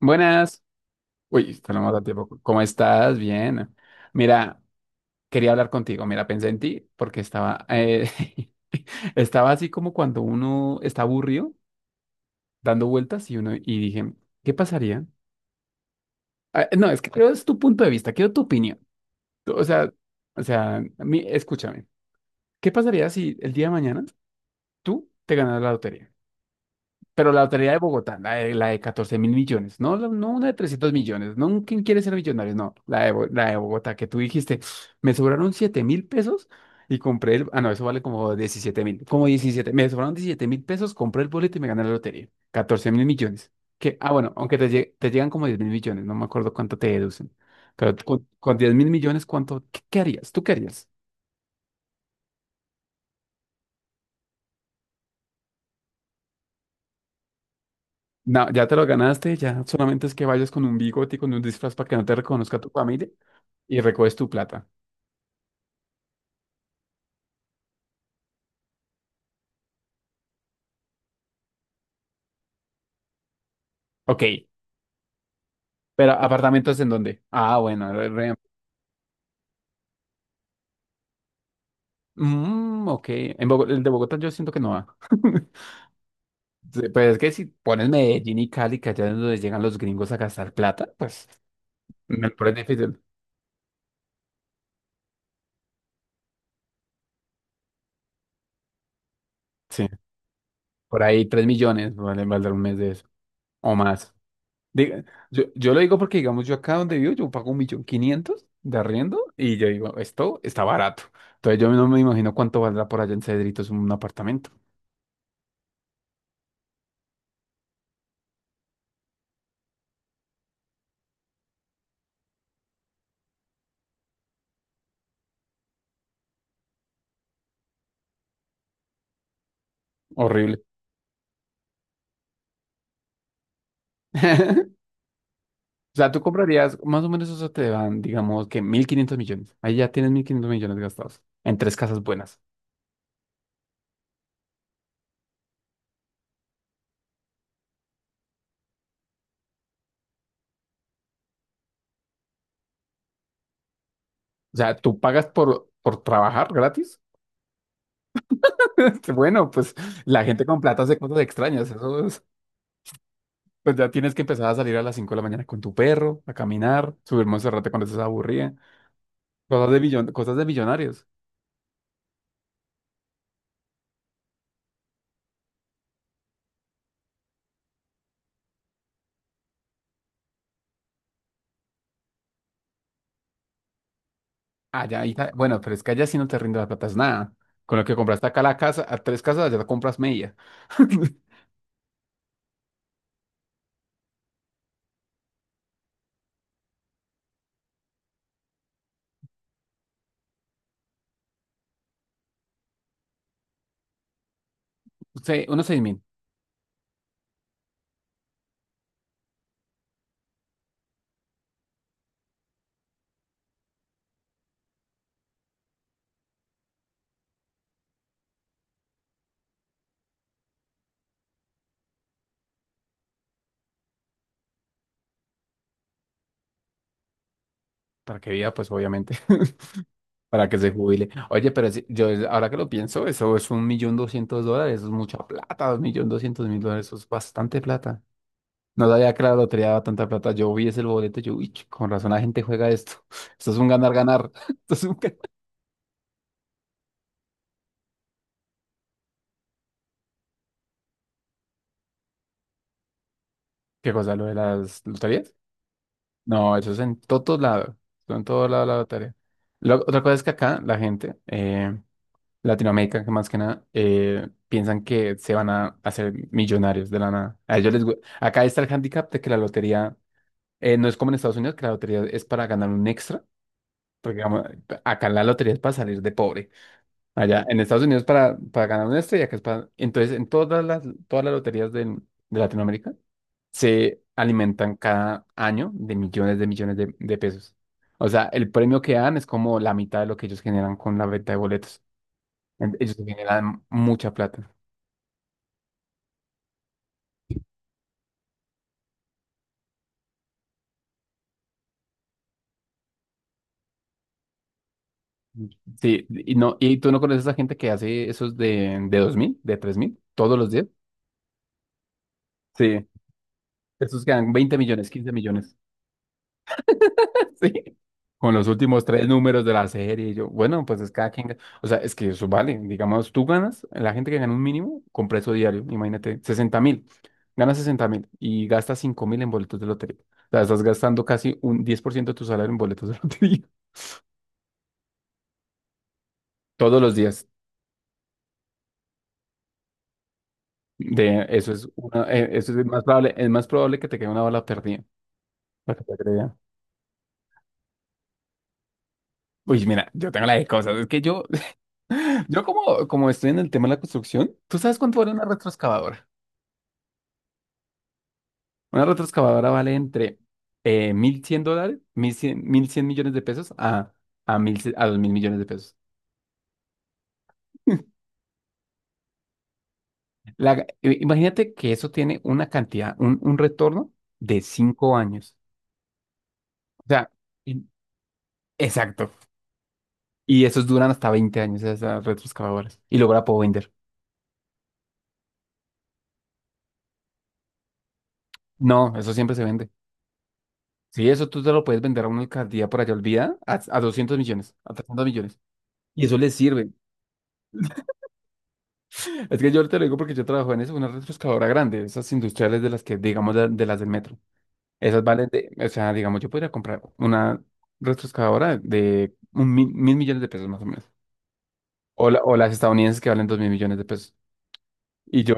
Buenas. Uy, estamos a tiempo. ¿Cómo estás? Bien. Mira, quería hablar contigo. Mira, pensé en ti porque estaba, estaba así como cuando uno está aburrido, dando vueltas y uno y dije, ¿qué pasaría? Ah, no, es que creo es tu punto de vista, quiero tu opinión. O sea, o sea, escúchame. ¿Qué pasaría si el día de mañana tú te ganas la lotería? Pero la Lotería de Bogotá, la de 14 mil millones, no, no una de 300 millones, no, ¿quién quiere ser millonario? No, la de Bogotá, que tú dijiste, me sobraron 7.000 pesos y compré el, ah, no, eso vale como 17 mil, como 17 me sobraron 17.000 pesos, compré el boleto y me gané la lotería, 14.000 millones, que, ah, bueno, aunque te, te llegan como 10.000 millones, no me acuerdo cuánto te deducen, pero con 10 mil millones, ¿cuánto, qué harías? ¿Tú qué harías? No, ya te lo ganaste, ya solamente es que vayas con un bigote y con un disfraz para que no te reconozca tu familia. Y recoges tu plata. Ok. ¿Pero apartamentos en dónde? Ah, bueno. Mm, ok. En el de Bogotá yo siento que no va. Sí, pues es que si pones Medellín y Cali, que allá es donde llegan los gringos a gastar plata, pues me lo pones difícil. Sí. Por ahí 3 millones valdrá un mes de eso. O más. Diga- yo lo digo porque, digamos, yo acá donde vivo, yo pago un millón quinientos de arriendo y yo digo, esto está barato. Entonces yo no me imagino cuánto valdrá por allá en Cedritos un apartamento. Horrible. O sea, tú comprarías, más o menos eso te dan, digamos que 1.500 millones. Ahí ya tienes 1.500 millones gastados en tres casas buenas. O sea, tú pagas por, trabajar gratis. Bueno, pues la gente con plata hace cosas extrañas. Pues ya tienes que empezar a salir a las 5 de la mañana con tu perro, a caminar, subir Monserrate cuando estés aburrida. Cosas de cosas de millonarios. Allá, bueno, pero es que allá sí no te rinde la plata, es nada. Con lo que compraste acá la casa, a tres casas, allá te compras media. Sí, unos 6.000 para que viva, pues obviamente. Para que se jubile. Oye, pero yo ahora que lo pienso, eso es un millón doscientos dólares, eso es mucha plata, un millón doscientos mil dólares, eso es bastante plata. No sabía que la lotería daba tanta plata. Yo vi ese boleto, y yo, uy, con razón la gente juega esto. Esto es un ganar, ganar. Esto es un ¿Qué cosa, lo de las loterías? No, eso es en todos lados. Eso en todos lados la lotería. Otra cosa es que acá la gente, Latinoamérica, que más que nada, piensan que se van a hacer millonarios de la nada. A ellos les, acá está el handicap de que la lotería no es como en Estados Unidos, que la lotería es para ganar un extra, porque digamos, acá la lotería es para salir de pobre. Allá en Estados Unidos para, ganar un extra y acá es para... Entonces, en todas las loterías de Latinoamérica se alimentan cada año de millones de millones de, pesos. O sea, el premio que dan es como la mitad de lo que ellos generan con la venta de boletos. Ellos generan mucha plata. Sí, y no, y tú no conoces a gente que hace esos de, 2.000 de 3.000 todos los días. Sí. Esos quedan 20 millones, 15 millones. Sí. Con los últimos tres números de la serie. Y yo, bueno, pues es cada quien. O sea, es que eso vale. Digamos, tú ganas, la gente que gana un mínimo, con precio diario, imagínate, 60.000. Ganas 60.000 y gastas 5.000 en boletos de lotería. O sea, estás gastando casi un 10% de tu salario en boletos de lotería. Todos los días. Eso es eso es más probable que te quede una bala perdida. Para que te crea. Uy, mira, yo tengo la de cosas. Es que yo como estoy en el tema de la construcción, ¿tú sabes cuánto vale una retroexcavadora? Una retroexcavadora vale entre 1.100 dólares, mil cien mil cien millones de pesos a, 1.000 a 2.000 millones de pesos. Imagínate que eso tiene una cantidad, un, retorno de 5 años. O sea, in- exacto. Y esos duran hasta 20 años, esas retroexcavadoras. Y luego la puedo vender. No, eso siempre se vende. Sí, eso tú te lo puedes vender a una alcaldía por allá olvida a, 200 millones, a 300 millones. Y eso les sirve. Es que yo te lo digo porque yo trabajo en eso, una retroexcavadora grande, esas industriales de las que, digamos, de, las del metro. Esas valen de, o sea, digamos, yo podría comprar una retroexcavadora de un mil, mil millones de pesos más o menos. O, o las estadounidenses que valen dos mil millones de pesos. Y yo,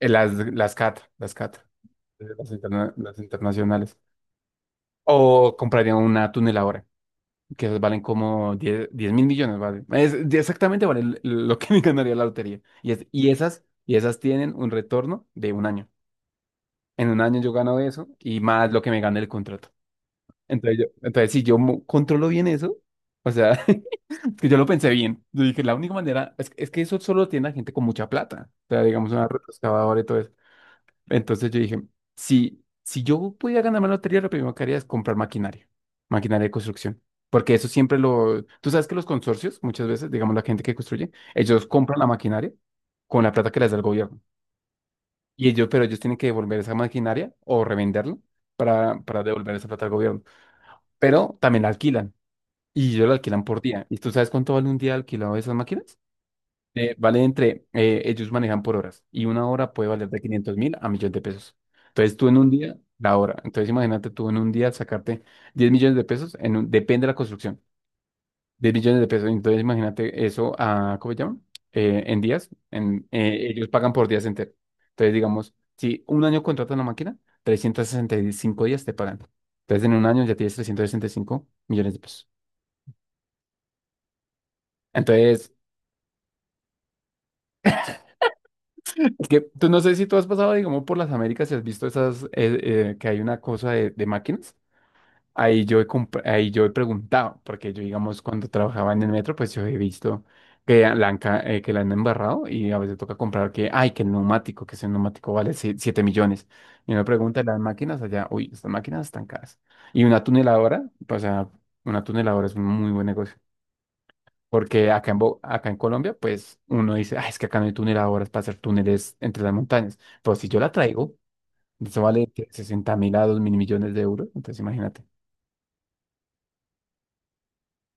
las, CAT, las CAT, las, las internacionales. O compraría una tuneladora, que esas valen como 10 10 mil millones, vale. Exactamente vale lo que me ganaría la lotería. Y esas, tienen un retorno de un año. En un año yo gano eso y más lo que me gane el contrato. Entonces, entonces si yo controlo bien eso, o sea, es que yo lo pensé bien. Yo dije, la única manera es, que eso solo lo tiene la gente con mucha plata. O sea, digamos, una retroexcavadora y todo eso. Entonces yo dije, si, yo pudiera ganarme la lotería, lo primero que haría es comprar maquinaria, maquinaria de construcción. Porque eso siempre lo... Tú sabes que los consorcios, muchas veces, digamos, la gente que construye, ellos compran la maquinaria con la plata que les da el gobierno. Pero ellos tienen que devolver esa maquinaria o revenderla para, devolver esa plata al gobierno. Pero también la alquilan y ellos la alquilan por día. ¿Y tú sabes cuánto vale un día alquilado de esas máquinas? Vale ellos manejan por horas y una hora puede valer de 500 mil a millones de pesos. Entonces tú en un día, la hora. Entonces imagínate tú en un día sacarte 10 millones de pesos, en depende de la construcción, 10 billones de pesos. Entonces, imagínate eso a, ¿cómo se llama? En días. Ellos pagan por días enteros. Entonces, digamos, si un año contratas la máquina, 365 días te pagan. Entonces, en un año ya tienes 365 millones de pesos. Entonces, es que tú no sé si tú has pasado, digamos, por las Américas y has visto esas, que hay una cosa de, máquinas. Ahí yo he ahí yo he preguntado, porque yo, digamos, cuando trabajaba en el metro, pues yo he visto que la han, que la han embarrado y a veces toca comprar que, ay, que el neumático, que ese neumático vale si, 7 millones. Y uno pregunta, las máquinas allá, uy, estas máquinas están caras. Y una tuneladora, pues, o sea, una tuneladora es un muy buen negocio. Porque acá en, acá en Colombia, pues uno dice, ay, es que acá no hay tuneladoras para hacer túneles entre las montañas. Pero si yo la traigo, eso vale 60 mil a 2 mil millones de euros. Entonces, imagínate.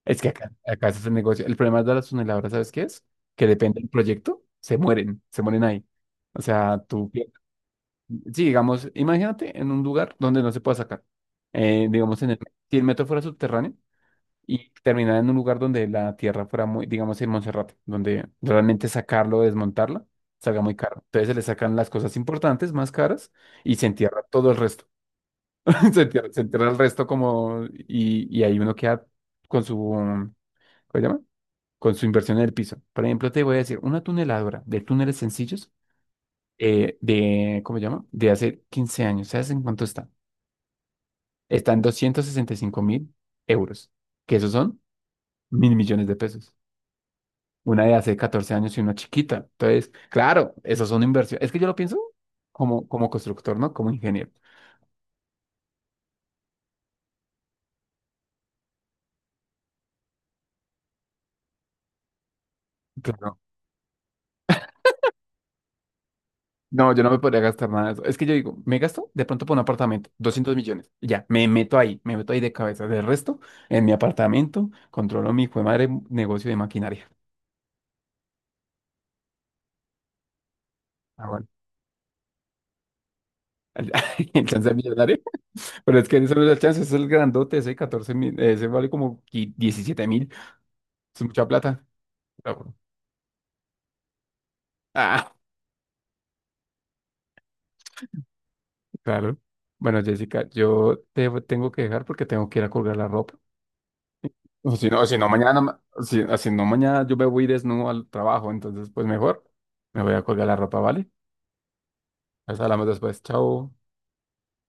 Es que acá, ese es el negocio. El problema de las tuneladoras, ¿sabes qué es? Que depende del proyecto, se mueren ahí. O sea, tú, sí, digamos, imagínate en un lugar donde no se pueda sacar. Digamos, si el metro fuera subterráneo y terminara en un lugar donde la tierra fuera muy, digamos, en Monserrate, donde realmente sacarlo o desmontarla salga muy caro. Entonces se le sacan las cosas importantes, más caras, y se entierra todo el resto. Se entierra, el resto como, y ahí uno queda con su, ¿cómo se llama? Con su inversión en el piso. Por ejemplo, te voy a decir, una tuneladora de túneles sencillos ¿cómo se llama? De hace 15 años. ¿Sabes en cuánto está? Está en 265.000 euros, que esos son mil millones de pesos. Una de hace 14 años y una chiquita. Entonces, claro, esos son inversión. Es que yo lo pienso como, constructor, ¿no? Como ingeniero. Claro. No, yo no me podría gastar nada de eso. Es que yo digo, me gasto de pronto por un apartamento, 200 millones. Y ya, me meto ahí de cabeza. Del resto, en mi apartamento, controlo mi hijo de madre negocio de maquinaria. Ah, bueno. El, chance de millonario. Pero es que eso no es el chance, es el grandote, ese 14 mil, ese vale como 17 mil. Es mucha plata. Ah, bueno. Ah, claro. Bueno, Jessica, yo te tengo que dejar porque tengo que ir a colgar la ropa. O si no mañana, si no mañana yo me voy desnudo al trabajo, entonces pues mejor me voy a colgar la ropa, ¿vale? Nos hablamos después, chao.